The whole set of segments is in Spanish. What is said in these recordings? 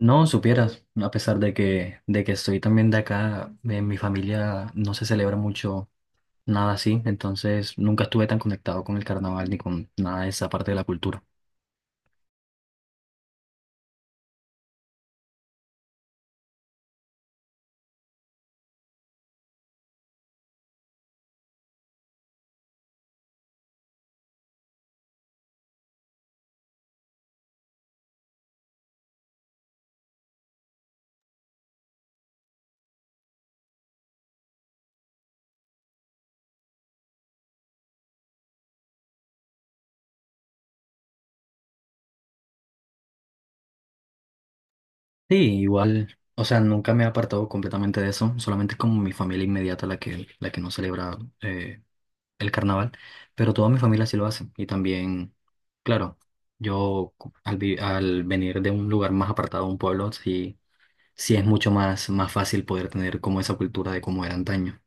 No, supieras, a pesar de que soy también de acá, en mi familia no se celebra mucho nada así, entonces nunca estuve tan conectado con el carnaval ni con nada de esa parte de la cultura. Sí, igual, o sea, nunca me he apartado completamente de eso, solamente como mi familia inmediata la que no celebra el carnaval, pero toda mi familia sí lo hace y también, claro, yo cu- al, vi- al venir de un lugar más apartado, un pueblo, sí, sí es mucho más fácil poder tener como esa cultura de cómo era antaño.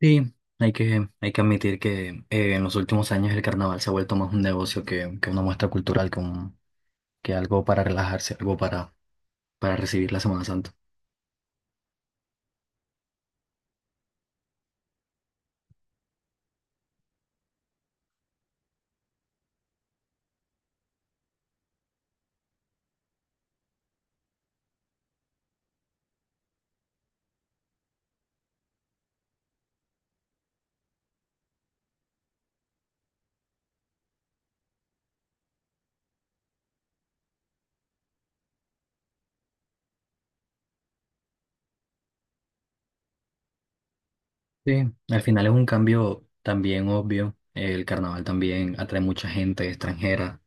Sí, hay que admitir que en los últimos años el carnaval se ha vuelto más un negocio que una muestra cultural, que algo para relajarse, algo para recibir la Semana Santa. Sí, al final es un cambio también obvio. El carnaval también atrae mucha gente extranjera,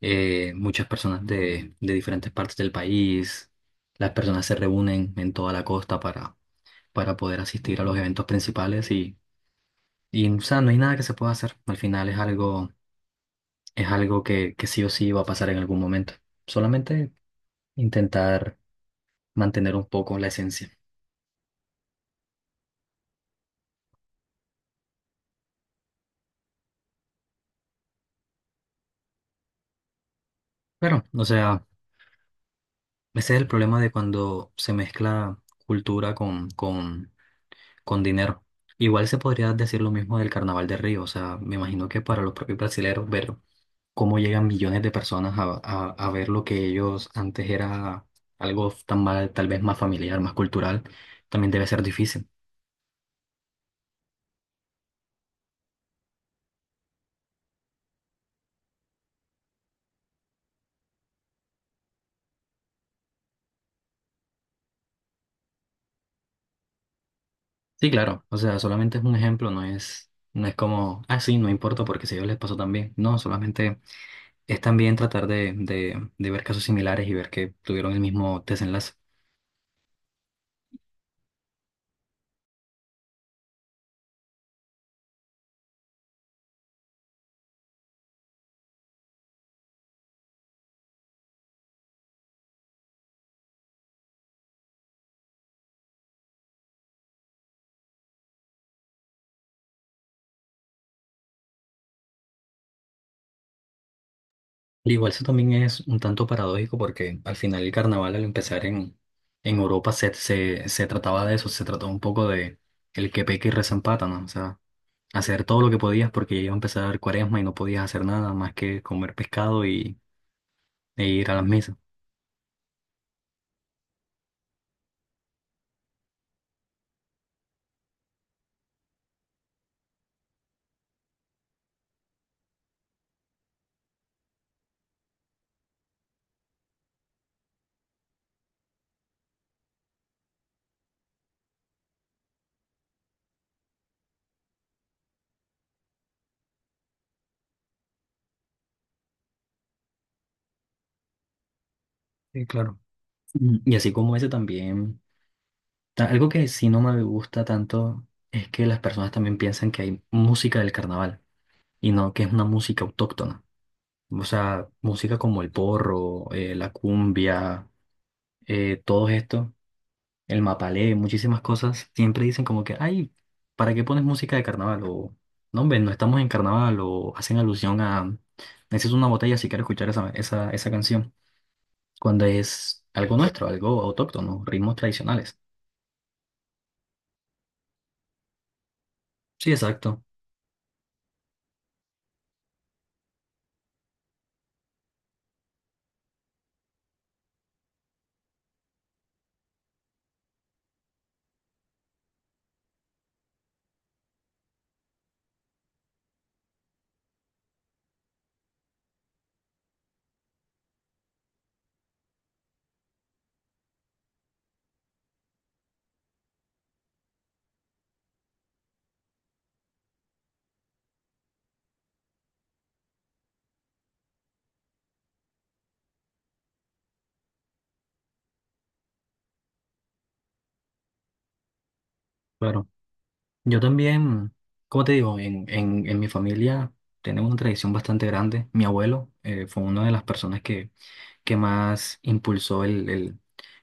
muchas personas de diferentes partes del país. Las personas se reúnen en toda la costa para poder asistir a los eventos principales y o sea, no hay nada que se pueda hacer. Al final es algo que sí o sí va a pasar en algún momento. Solamente intentar mantener un poco la esencia. Pero, o sea, ese es el problema de cuando se mezcla cultura con dinero. Igual se podría decir lo mismo del Carnaval de Río. O sea, me imagino que para los propios brasileros ver cómo llegan millones de personas a ver lo que ellos antes era algo tan mal, tal vez más familiar, más cultural, también debe ser difícil. Sí, claro, o sea, solamente es un ejemplo, no es como, ah, sí, no importa porque si a ellos les pasó también. No, solamente es también tratar de ver casos similares y ver que tuvieron el mismo desenlace. Y igual eso también es un tanto paradójico porque al final el carnaval al empezar en Europa se trataba de eso, se trató un poco de el que peca y reza empata, ¿no? O sea, hacer todo lo que podías porque ya iba a empezar cuaresma y no podías hacer nada más que comer pescado e ir a las misas. Sí, claro. Y así como ese también. Algo que sí no me gusta tanto es que las personas también piensan que hay música del carnaval y no que es una música autóctona. O sea, música como el porro, la cumbia, todo esto, el mapalé, muchísimas cosas, siempre dicen como que, ay, ¿para qué pones música de carnaval? O, no, hombre, no estamos en carnaval o hacen alusión a, necesito una botella si quiero escuchar esa canción, cuando es algo nuestro, algo autóctono, ritmos tradicionales. Sí, exacto. Claro. Yo también, como te digo, en mi familia tenemos una tradición bastante grande. Mi abuelo fue una de las personas que más impulsó el, el,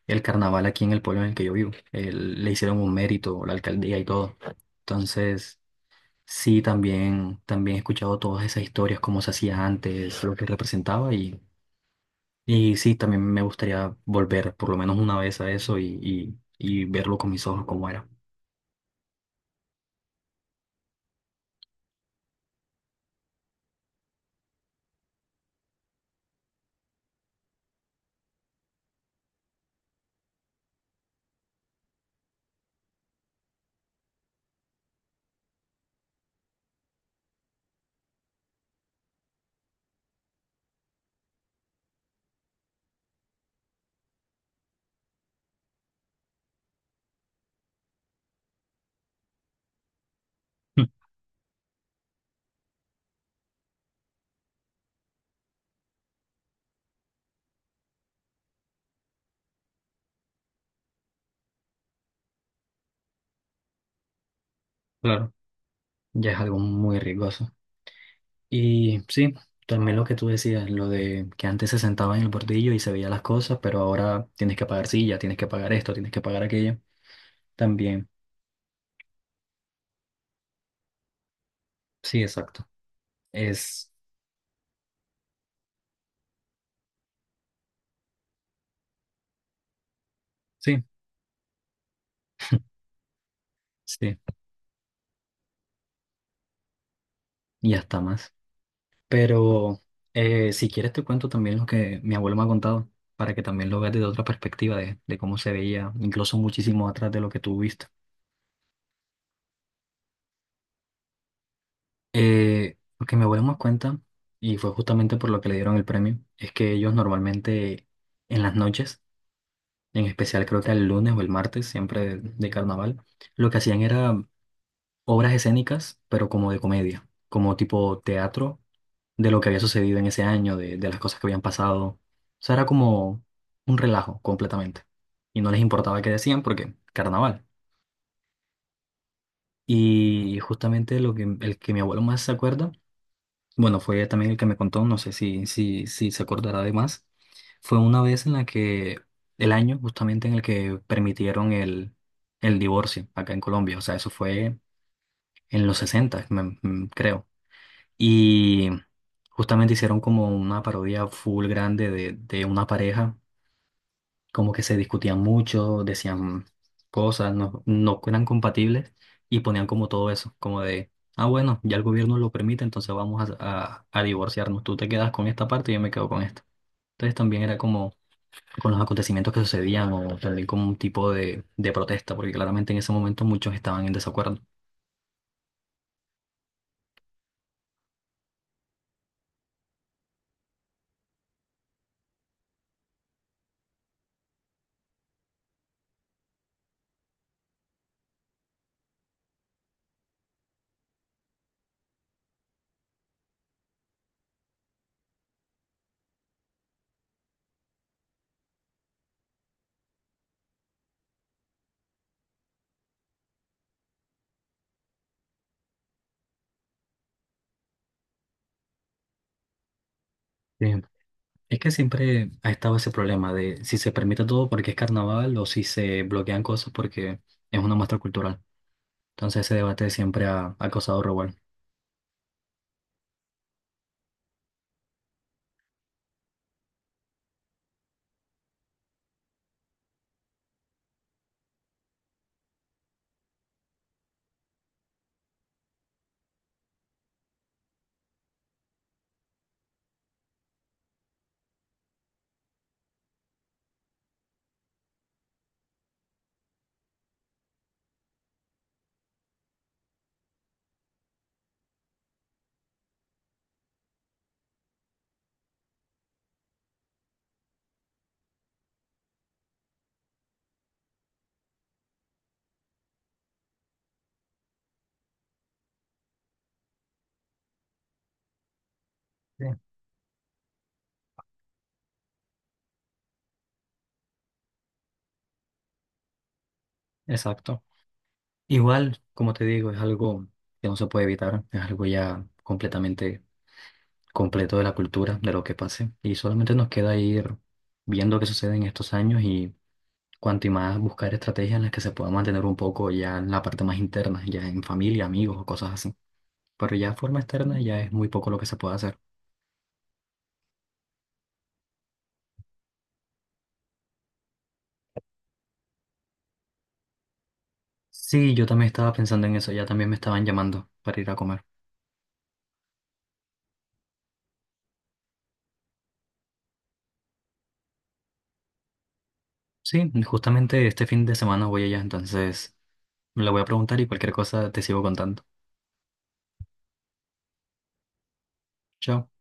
el carnaval aquí en el pueblo en el que yo vivo. Le hicieron un mérito, la alcaldía y todo. Entonces, sí, también he escuchado todas esas historias, cómo se hacía antes, lo que representaba y sí, también me gustaría volver por lo menos una vez a eso y, y verlo con mis ojos cómo era. Claro, ya es algo muy riesgoso. Y sí, también lo que tú decías, lo de que antes se sentaba en el bordillo y se veía las cosas, pero ahora tienes que pagar silla, tienes que pagar esto, tienes que pagar aquello. También, sí, exacto. Es, sí, sí, y hasta más. Pero si quieres te cuento también lo que mi abuelo me ha contado, para que también lo veas desde otra perspectiva, de cómo se veía, incluso muchísimo atrás de lo que tú viste. Lo que mi abuelo me cuenta, y fue justamente por lo que le dieron el premio, es que ellos normalmente en las noches en especial creo que el lunes o el martes, siempre de carnaval, lo que hacían era obras escénicas, pero como de comedia, como tipo teatro de lo que había sucedido en ese año, de las cosas que habían pasado. O sea, era como un relajo completamente. Y no les importaba qué decían porque carnaval. Y justamente el que mi abuelo más se acuerda. Bueno, fue también el que me contó, no sé si se acordará de más. Fue una vez en la que, el año justamente en el que permitieron el divorcio acá en Colombia, o sea, eso fue en los 60, creo. Y justamente hicieron como una parodia full grande de una pareja como que se discutían mucho, decían cosas, no eran compatibles y ponían como todo eso, como de, ah, bueno, ya el gobierno lo permite, entonces vamos a divorciarnos, tú te quedas con esta parte y yo me quedo con esta. Entonces también era como con los acontecimientos que sucedían o también como un tipo de protesta, porque claramente en ese momento muchos estaban en desacuerdo. Sí. Es que siempre ha estado ese problema de si se permite todo porque es carnaval o si se bloquean cosas porque es una muestra cultural. Entonces ese debate siempre ha causado revuelo. Sí, exacto. Igual, como te digo, es algo que no se puede evitar, es algo ya completamente completo de la cultura, de lo que pase, y solamente nos queda ir viendo qué sucede en estos años y cuanto y más buscar estrategias en las que se pueda mantener un poco ya en la parte más interna, ya en familia, amigos o cosas así. Pero ya de forma externa ya es muy poco lo que se puede hacer. Sí, yo también estaba pensando en eso, ya también me estaban llamando para ir a comer. Sí, justamente este fin de semana voy allá, entonces le voy a preguntar y cualquier cosa te sigo contando. Chao.